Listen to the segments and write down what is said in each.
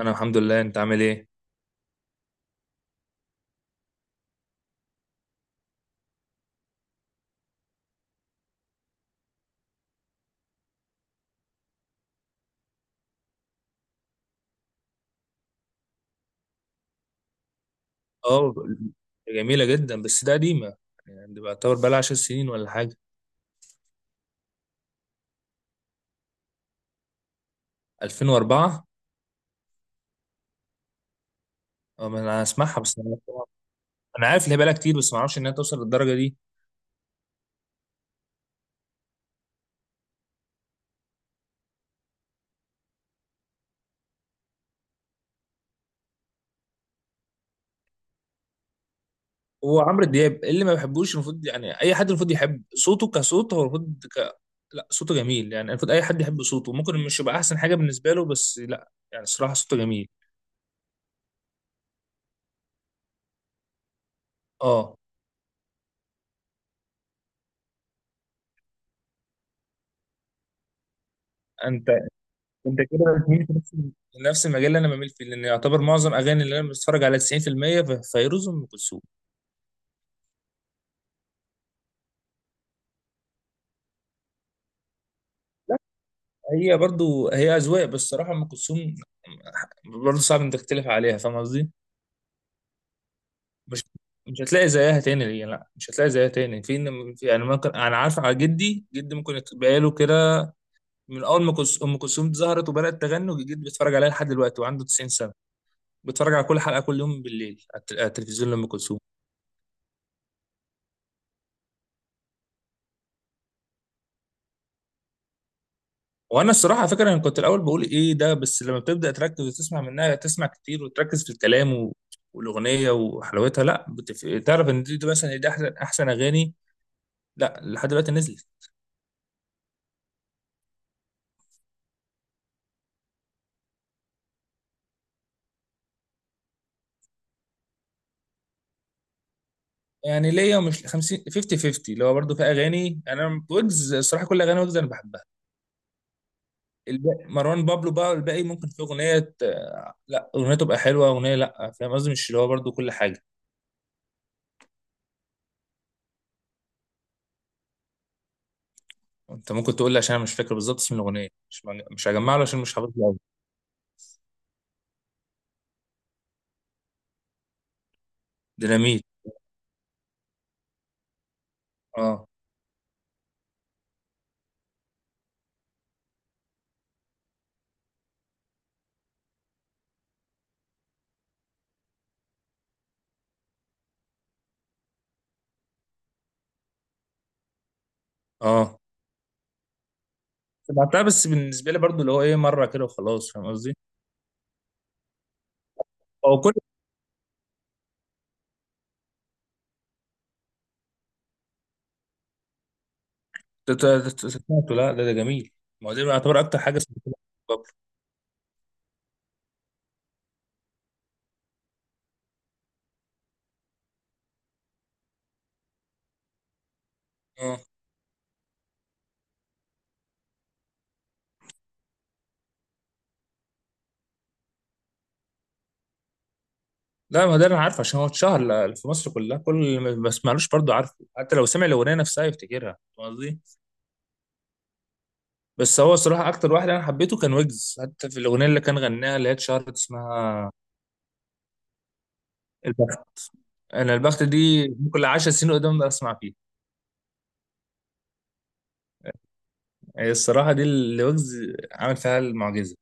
انا الحمد لله. انت عامل ايه؟ اه، جميله جدا بس ده قديمه. يعني دي بعتبر بقى لها 10 سنين ولا حاجه. 2004. اه، ما انا اسمعها بس أنا عارف ان هي بقى لها كتير، بس ما اعرفش انها توصل للدرجه دي. هو عمرو دياب اللي ما بحبوش، المفروض يعني اي حد المفروض يحب صوته كصوت، هو المفروض لا، صوته جميل، يعني المفروض اي حد يحب صوته، ممكن مش يبقى احسن حاجه بالنسبه له، بس لا، يعني الصراحه صوته جميل. اه. انت انت كده بتميل في نفس المجال اللي انا بميل فيه، لان يعتبر معظم اغاني اللي انا بتفرج على 90% فيروز وام كلثوم. لا، هي برضو هي اذواق، بس الصراحه ام كلثوم برضو صعب انك تختلف عليها، فاهم قصدي؟ مش مش هتلاقي زيها تاني. هي لا، مش هتلاقي زيها تاني في يعني ممكن، انا عارف على جدي جدي ممكن يبقى له كده. من اول ما ام كلثوم ظهرت وبدات تغني وجدي بيتفرج عليها لحد دلوقتي وعنده 90 سنه. بيتفرج على كل حلقه كل يوم بالليل على على التلفزيون لام كلثوم. وانا الصراحه على فكره انا كنت الاول بقول ايه ده، بس لما بتبدا تركز وتسمع منها، تسمع كتير وتركز في الكلام والاغنيه وحلاوتها، لا تعرف ان دي مثلا، دي احسن اغاني لا لحد دلوقتي نزلت. يعني ليا ومش 50 50 50 اللي هو برضه في اغاني. انا ويجز الصراحه كل اغاني ويجز انا بحبها. الباقي مروان بابلو بقى، الباقي ممكن في لا، اغنيه تبقى حلوه اغنيه، لا فاهم قصدي، مش اللي هو برضه كل حاجه. انت ممكن تقول لي عشان انا مش فاكر بالظبط اسم الاغنيه، مش هجمع له عشان مش حافظ له أوي. ديناميت. اه، اه، سمعتها، بس بالنسبه لي برضو اللي هو ايه مره كده وخلاص، فاهم قصدي؟ هو كل ت- ت- سمعته، لا ده جميل. ما هو ده يعتبر اكتر حاجه سمعتها قبل. اه لا، ما ده انا عارف عشان هو اتشهر في مصر كلها. كل اللي ما بسمعلوش برضو عارفه، حتى لو سمع الاغنيه نفسها يفتكرها، فاهم قصدي؟ بس هو صراحه اكتر واحد انا حبيته كان ويجز، حتى في الاغنيه اللي كان غناها اللي هي اتشهرت اسمها البخت. انا البخت دي كل 10 سنين قدام اسمع فيها. هي الصراحه دي اللي ويجز عامل فيها المعجزه.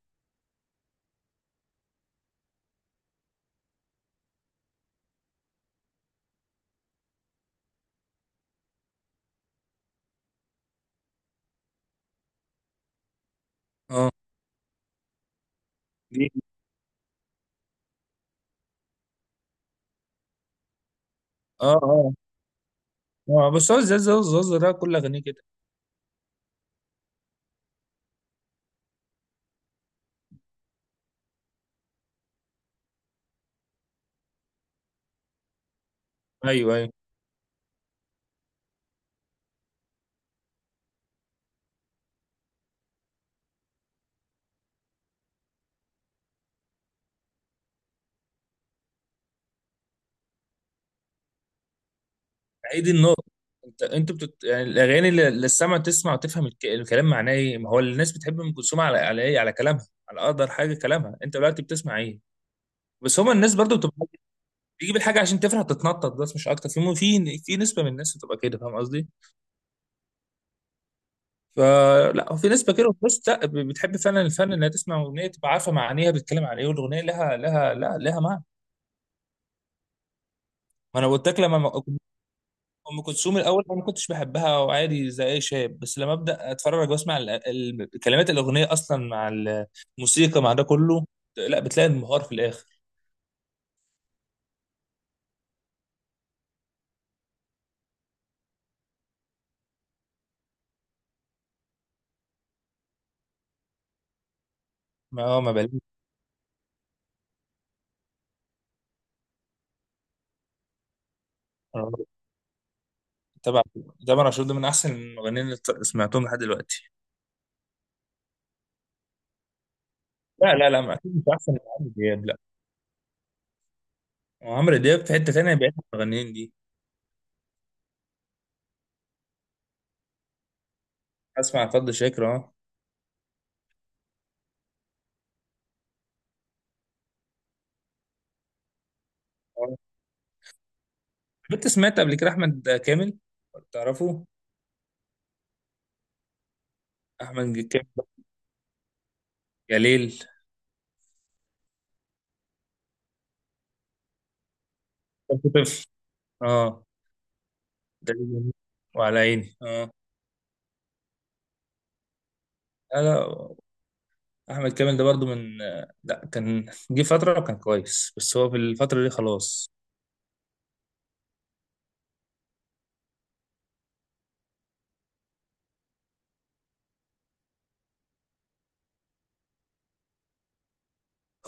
اه، دي. اه، اه، اه، بس هو زاز ده كل اغانيه كده. ايوه، ايوه. هي دي النقطه. انت يعني الاغاني اللي السمع تسمع وتفهم الكلام معناه ايه. ما هو الناس بتحب ام كلثوم على ايه؟ على كلامها، على اقدر حاجه كلامها. انت دلوقتي بتسمع ايه؟ بس هما الناس برضو بتبقى بتجيب الحاجه عشان تفرح تتنطط، بس مش اكتر. في في نسبه من الناس بتبقى كده، فاهم قصدي؟ فلا، هو في نسبه كده وفي ناس لا، بتحب فعلا الفن، انها تسمع اغنيه تبقى عارفه معانيها، بتتكلم عن ايه، والاغنيه لها لا، لها معنى. ما انا قلت لك لما ام كلثوم الاول انا ما كنتش بحبها، وعادي زي اي شاب، بس لما ابدا اتفرج واسمع كلمات الاغنيه اصلا مع الموسيقى مع ده كله، لا بتلاقي انبهار في الاخر. ما هو ما بالي. طبعا، طبعا عاشور ده من احسن المغنيين اللي سمعتهم لحد دلوقتي. لا لا لا، ما اكيد مش احسن من عمرو دياب لا. عمرو دياب في حته تانيه بعيد عن المغنيين دي. اسمع فضل شاكر، اه. آه. كنت سمعت قبل كده احمد كامل. تعرفه؟ احمد كامل، يا ليل. كنت طفل. اه. ده جميل. وعلى عيني، اه. لا لا، احمد كامل ده برضو من، لا كان جه فتره وكان كويس بس هو في الفتره دي خلاص.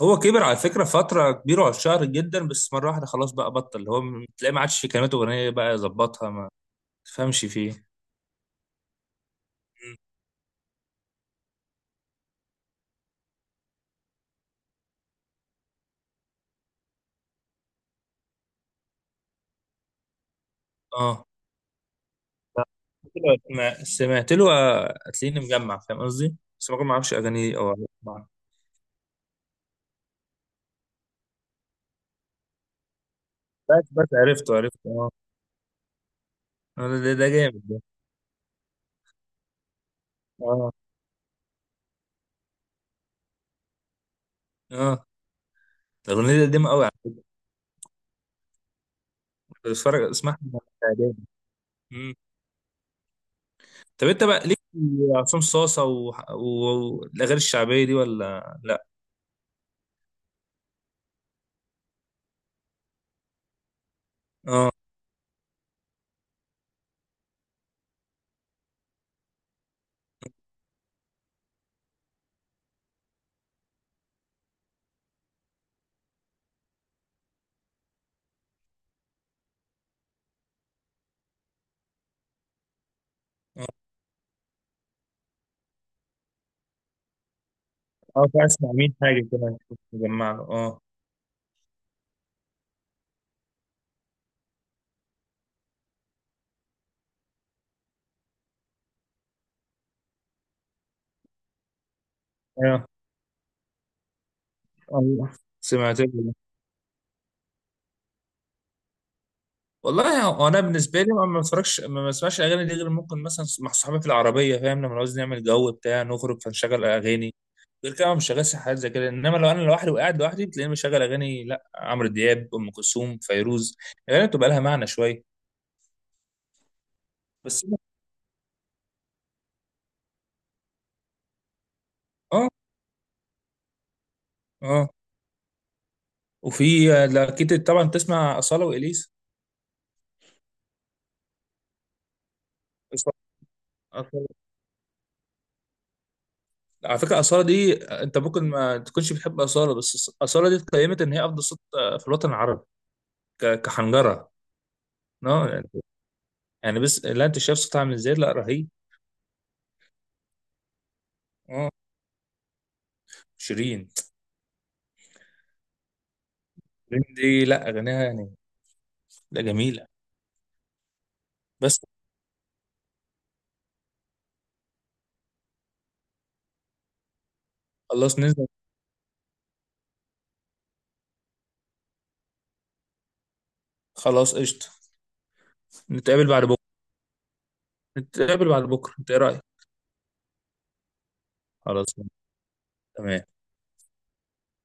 هو كبر على فكره فتره كبيره وعشان شهر جدا، بس مره واحده خلاص بقى بطل. هو تلاقيه ما عادش في كلمات اغنيه بقى يظبطها، ما تفهمش فيه. م. اه، ما سمعت له، هتلاقيني مجمع، فاهم قصدي، بس ما اعرفش اغانيه او أسمع. بس عرفته اه. آه، ده جامد ده. اه، اه. الاغنيه دي قديمه قوي على فكرة. بتفرج اسمعها وأنا في إعدادي. طب انت بقى ليك في عصام صاصه والاغاني الشعبيه دي، ولا لا؟ اه، اه، اسمع مين، حاجه كمان كنت مجمع له اه. ايوه. الله. سمعت له. والله، هو انا بالنسبه لي ما بتفرجش ما بسمعش الاغاني دي غير ممكن مثلا مع صحابي في العربيه، فاهم، لما عاوز نعمل جو بتاع نخرج فنشغل اغاني. غير كده مش شغال حاجات زي كده، انما لو انا لوحدي وقاعد لوحدي بتلاقيني بشغل اغاني لا عمرو دياب، ام كلثوم، فيروز. الاغاني بتبقى لها معنى شويه. بس. اه، اه. وفي، لا، اكيد طبعا تسمع اصاله واليسا. أصالة- أصالة. على فكره، اصاله دي انت ممكن ما تكونش بتحب اصاله، بس اصاله دي اتقيمت ان هي افضل صوت في الوطن العربي كحنجره. نو يعني، بس لا، انت شايف صوتها عامل ازاي؟ لا رهيب. اه، شيرين. شيرين دي، لا اغانيها يعني، لا جميله. بس خلاص ننزل. خلاص قشطه. نتقابل بعد بكره نتقابل بعد بكره، انت ايه رايك؟ خلاص. تمام.